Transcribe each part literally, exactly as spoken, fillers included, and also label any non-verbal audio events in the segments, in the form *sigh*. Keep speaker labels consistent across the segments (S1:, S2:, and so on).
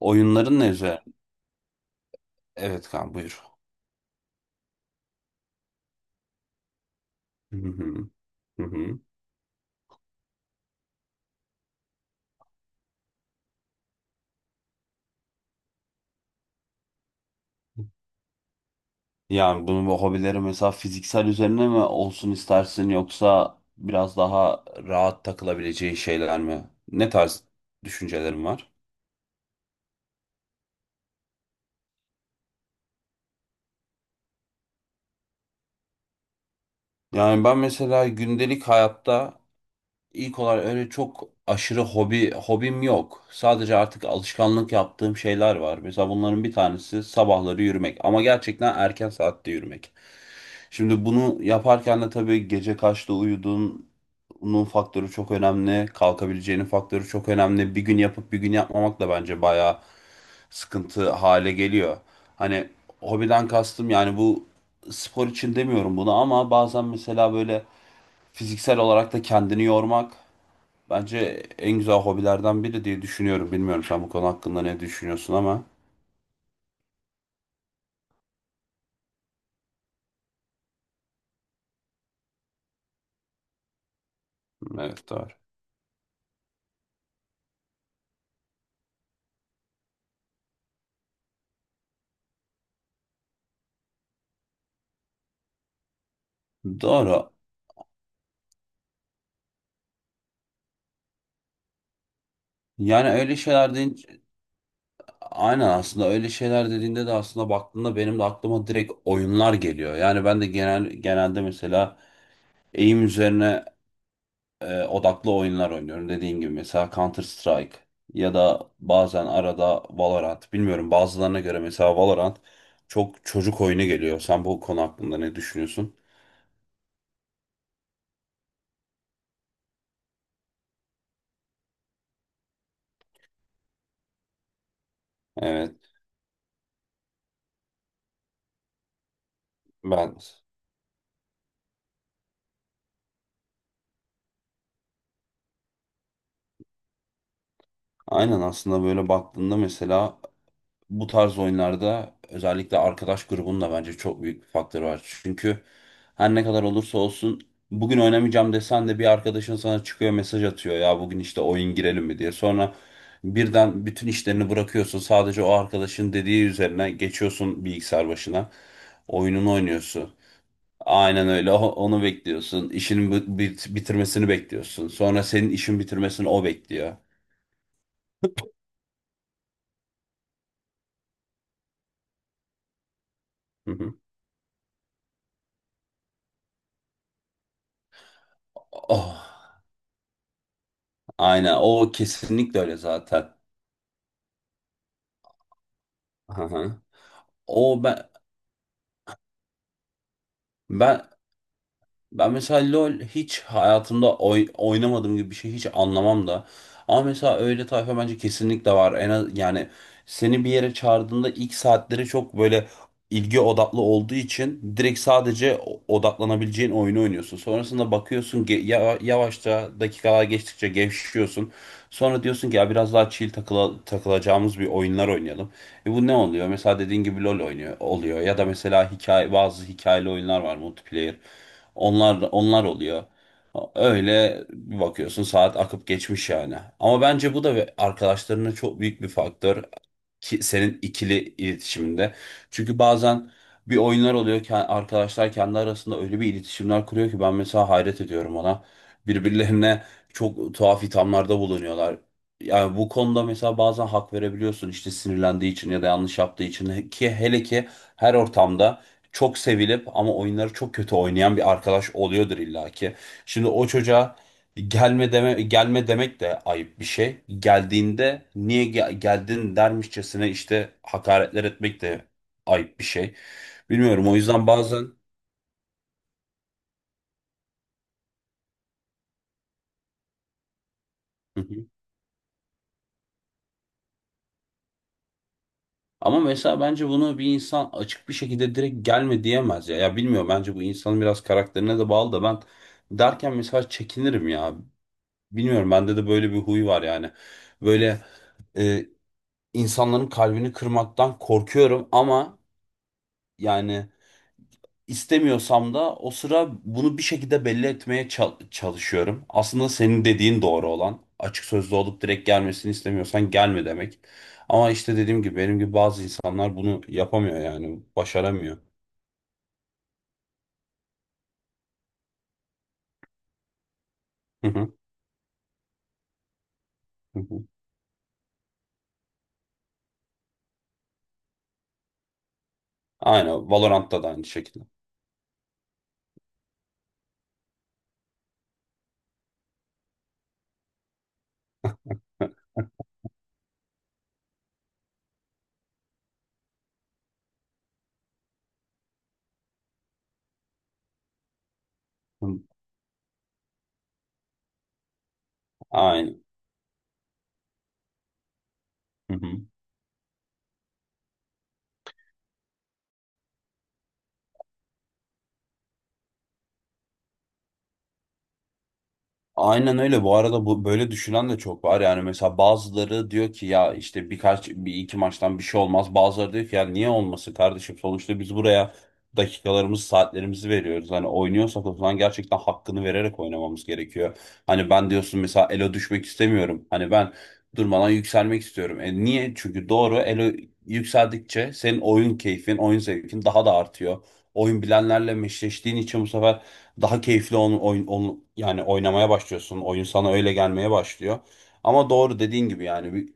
S1: Oyunların ne üzerine? Evet kan buyur. Hı hı. Hı hı. Yani bunun bu hobileri mesela fiziksel üzerine mi olsun istersin yoksa biraz daha rahat takılabileceği şeyler mi? Ne tarz düşüncelerin var? Yani ben mesela gündelik hayatta İlk olarak öyle çok aşırı hobi hobim yok. Sadece artık alışkanlık yaptığım şeyler var. Mesela bunların bir tanesi sabahları yürümek ama gerçekten erken saatte yürümek. Şimdi bunu yaparken de tabii gece kaçta uyuduğunun faktörü çok önemli. Kalkabileceğinin faktörü çok önemli. Bir gün yapıp bir gün yapmamak da bence bayağı sıkıntı hale geliyor. Hani hobiden kastım yani bu spor için demiyorum bunu ama bazen mesela böyle fiziksel olarak da kendini yormak bence en güzel hobilerden biri diye düşünüyorum. Bilmiyorum sen bu konu hakkında ne düşünüyorsun ama. Evet, doğru. Doğru. Yani öyle şeyler deyince, aynen aslında öyle şeyler dediğinde de aslında baktığında benim de aklıma direkt oyunlar geliyor. Yani ben de genel genelde mesela eğim üzerine e, odaklı oyunlar oynuyorum dediğin gibi mesela Counter Strike ya da bazen arada Valorant. Bilmiyorum bazılarına göre mesela Valorant çok çocuk oyunu geliyor. Sen bu konu hakkında ne düşünüyorsun? Evet, ben aynen aslında böyle baktığında mesela bu tarz oyunlarda özellikle arkadaş grubunun da bence çok büyük bir faktörü var. Çünkü her ne kadar olursa olsun bugün oynamayacağım desen de bir arkadaşın sana çıkıyor mesaj atıyor ya bugün işte oyun girelim mi diye. Sonra birden bütün işlerini bırakıyorsun sadece o arkadaşın dediği üzerine geçiyorsun bilgisayar başına oyununu oynuyorsun. Aynen öyle. O- onu bekliyorsun işinin bit- bit- bitirmesini bekliyorsun sonra senin işin bitirmesini o bekliyor. Hı hı. Oh. Aynen, o kesinlikle öyle zaten. Hı hı. O ben ben Ben mesela LoL hiç hayatımda oy- oynamadığım gibi bir şey hiç anlamam da. Ama mesela öyle tayfa bence kesinlikle var. En az, yani seni bir yere çağırdığında ilk saatleri çok böyle ilgi odaklı olduğu için direkt sadece o- odaklanabileceğin oyunu oynuyorsun. Sonrasında bakıyorsun ge- ya- yavaşça dakikalar geçtikçe gevşiyorsun. Sonra diyorsun ki ya biraz daha chill takıla- takılacağımız bir oyunlar oynayalım. E bu ne oluyor? Mesela dediğin gibi LoL oynuyor oluyor ya da mesela hikaye bazı hikayeli oyunlar var multiplayer. Onlar onlar oluyor. Öyle bir bakıyorsun saat akıp geçmiş yani. Ama bence bu da ve- arkadaşlarına çok büyük bir faktör ki, senin ikili iletişiminde. Çünkü bazen bir oyunlar oluyor ki arkadaşlar kendi arasında öyle bir iletişimler kuruyor ki ben mesela hayret ediyorum ona. Birbirlerine çok tuhaf ithamlarda bulunuyorlar. Yani bu konuda mesela bazen hak verebiliyorsun işte sinirlendiği için ya da yanlış yaptığı için ki hele ki her ortamda çok sevilip ama oyunları çok kötü oynayan bir arkadaş oluyordur illaki. Şimdi o çocuğa gelme deme, gelme demek de ayıp bir şey. Geldiğinde niye ge- geldin dermişçesine işte hakaretler etmek de ayıp bir şey. Bilmiyorum o yüzden bazen. Hı hı. Ama mesela bence bunu bir insan açık bir şekilde direkt gelme diyemez ya. Ya bilmiyorum bence bu insanın biraz karakterine de bağlı da ben derken mesela çekinirim ya. Bilmiyorum bende de böyle bir huy var yani. Böyle e, insanların kalbini kırmaktan korkuyorum ama yani istemiyorsam da o sıra bunu bir şekilde belli etmeye çal- çalışıyorum. Aslında senin dediğin doğru olan. Açık sözlü olup direkt gelmesini istemiyorsan gelme demek. Ama işte dediğim gibi benim gibi bazı insanlar bunu yapamıyor yani başaramıyor. Hı hı, hı hı. Aynen, Valorant'ta da aynı şekilde. *laughs* Aynen. Hı hı. Aynen öyle. Bu arada bu böyle düşünen de çok var. Yani mesela bazıları diyor ki ya işte birkaç bir iki maçtan bir şey olmaz. Bazıları diyor ki ya niye olmasın kardeşim? Sonuçta biz buraya dakikalarımızı, saatlerimizi veriyoruz. Hani oynuyorsak o zaman gerçekten hakkını vererek oynamamız gerekiyor. Hani ben diyorsun mesela elo düşmek istemiyorum. Hani ben durmadan yükselmek istiyorum. E niye? Çünkü doğru elo yükseldikçe senin oyun keyfin, oyun zevkin daha da artıyor. Oyun bilenlerle meşleştiğin için bu sefer daha keyifli onu, oyun, onu yani oynamaya başlıyorsun. Oyun sana öyle gelmeye başlıyor. Ama doğru dediğin gibi yani bir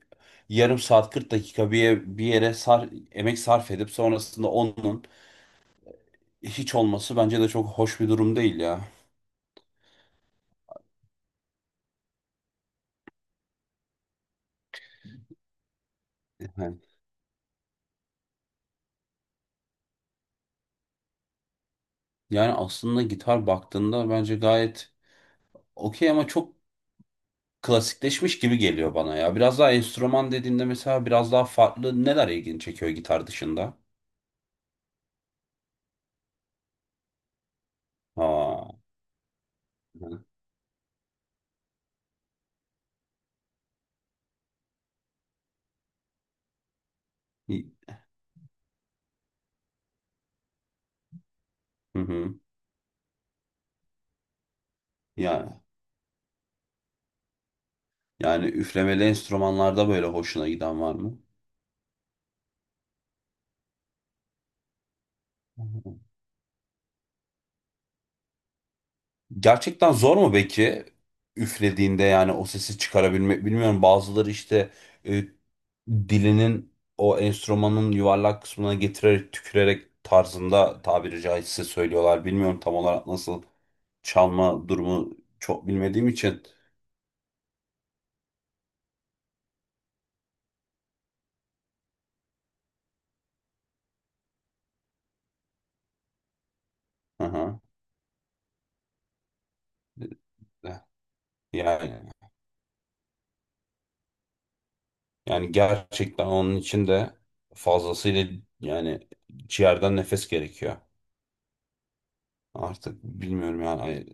S1: yarım saat kırk dakika bir, ye- bir yere sar, emek sarf edip sonrasında onun hiç olması bence de çok hoş bir durum değil ya. Yani yani aslında gitar baktığında bence gayet okey ama çok klasikleşmiş gibi geliyor bana ya. Biraz daha enstrüman dediğinde mesela biraz daha farklı neler ilgini çekiyor gitar dışında? Aa. Hı hı. Ya Yani üflemeli enstrümanlarda böyle hoşuna giden var mı? Hı hı. Gerçekten zor mu peki üflediğinde yani o sesi çıkarabilmek bilmiyorum bazıları işte e, dilinin o enstrümanın yuvarlak kısmına getirerek tükürerek tarzında tabiri caizse söylüyorlar bilmiyorum tam olarak nasıl çalma durumu çok bilmediğim için. Aha. yani yani gerçekten onun için de fazlasıyla yani ciğerden nefes gerekiyor. Artık bilmiyorum yani.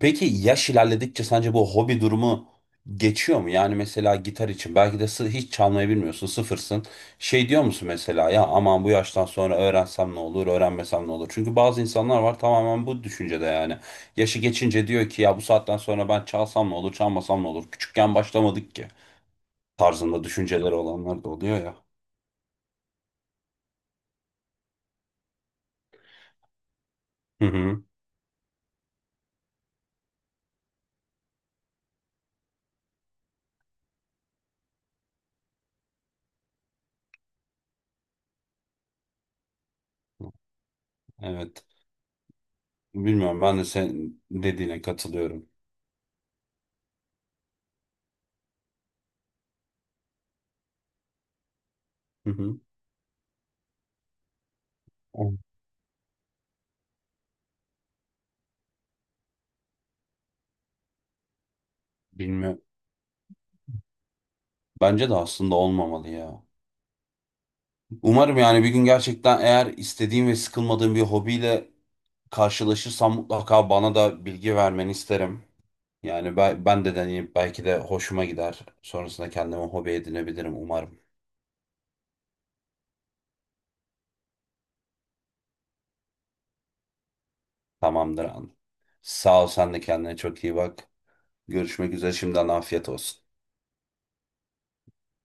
S1: Peki yaş ilerledikçe sence bu hobi durumu geçiyor mu? Yani mesela gitar için belki de sı- hiç çalmayı bilmiyorsun, sıfırsın. Şey diyor musun mesela ya aman bu yaştan sonra öğrensem ne olur, öğrenmesem ne olur? Çünkü bazı insanlar var tamamen bu düşüncede yani. Yaşı geçince diyor ki ya bu saatten sonra ben çalsam ne olur, çalmasam ne olur? Küçükken başlamadık ki tarzında düşünceleri olanlar da oluyor ya. Hı hı. Evet. Bilmiyorum ben de senin dediğine katılıyorum. Hı hı. O- Bilmiyorum. Bence de aslında olmamalı ya. Umarım yani bir gün gerçekten eğer istediğim ve sıkılmadığım bir hobiyle karşılaşırsam mutlaka bana da bilgi vermeni isterim. Yani ben, ben de deneyip belki de hoşuma gider. Sonrasında kendime hobi edinebilirim umarım. Tamamdır abi. Sağ ol sen de kendine çok iyi bak. Görüşmek üzere şimdiden afiyet olsun.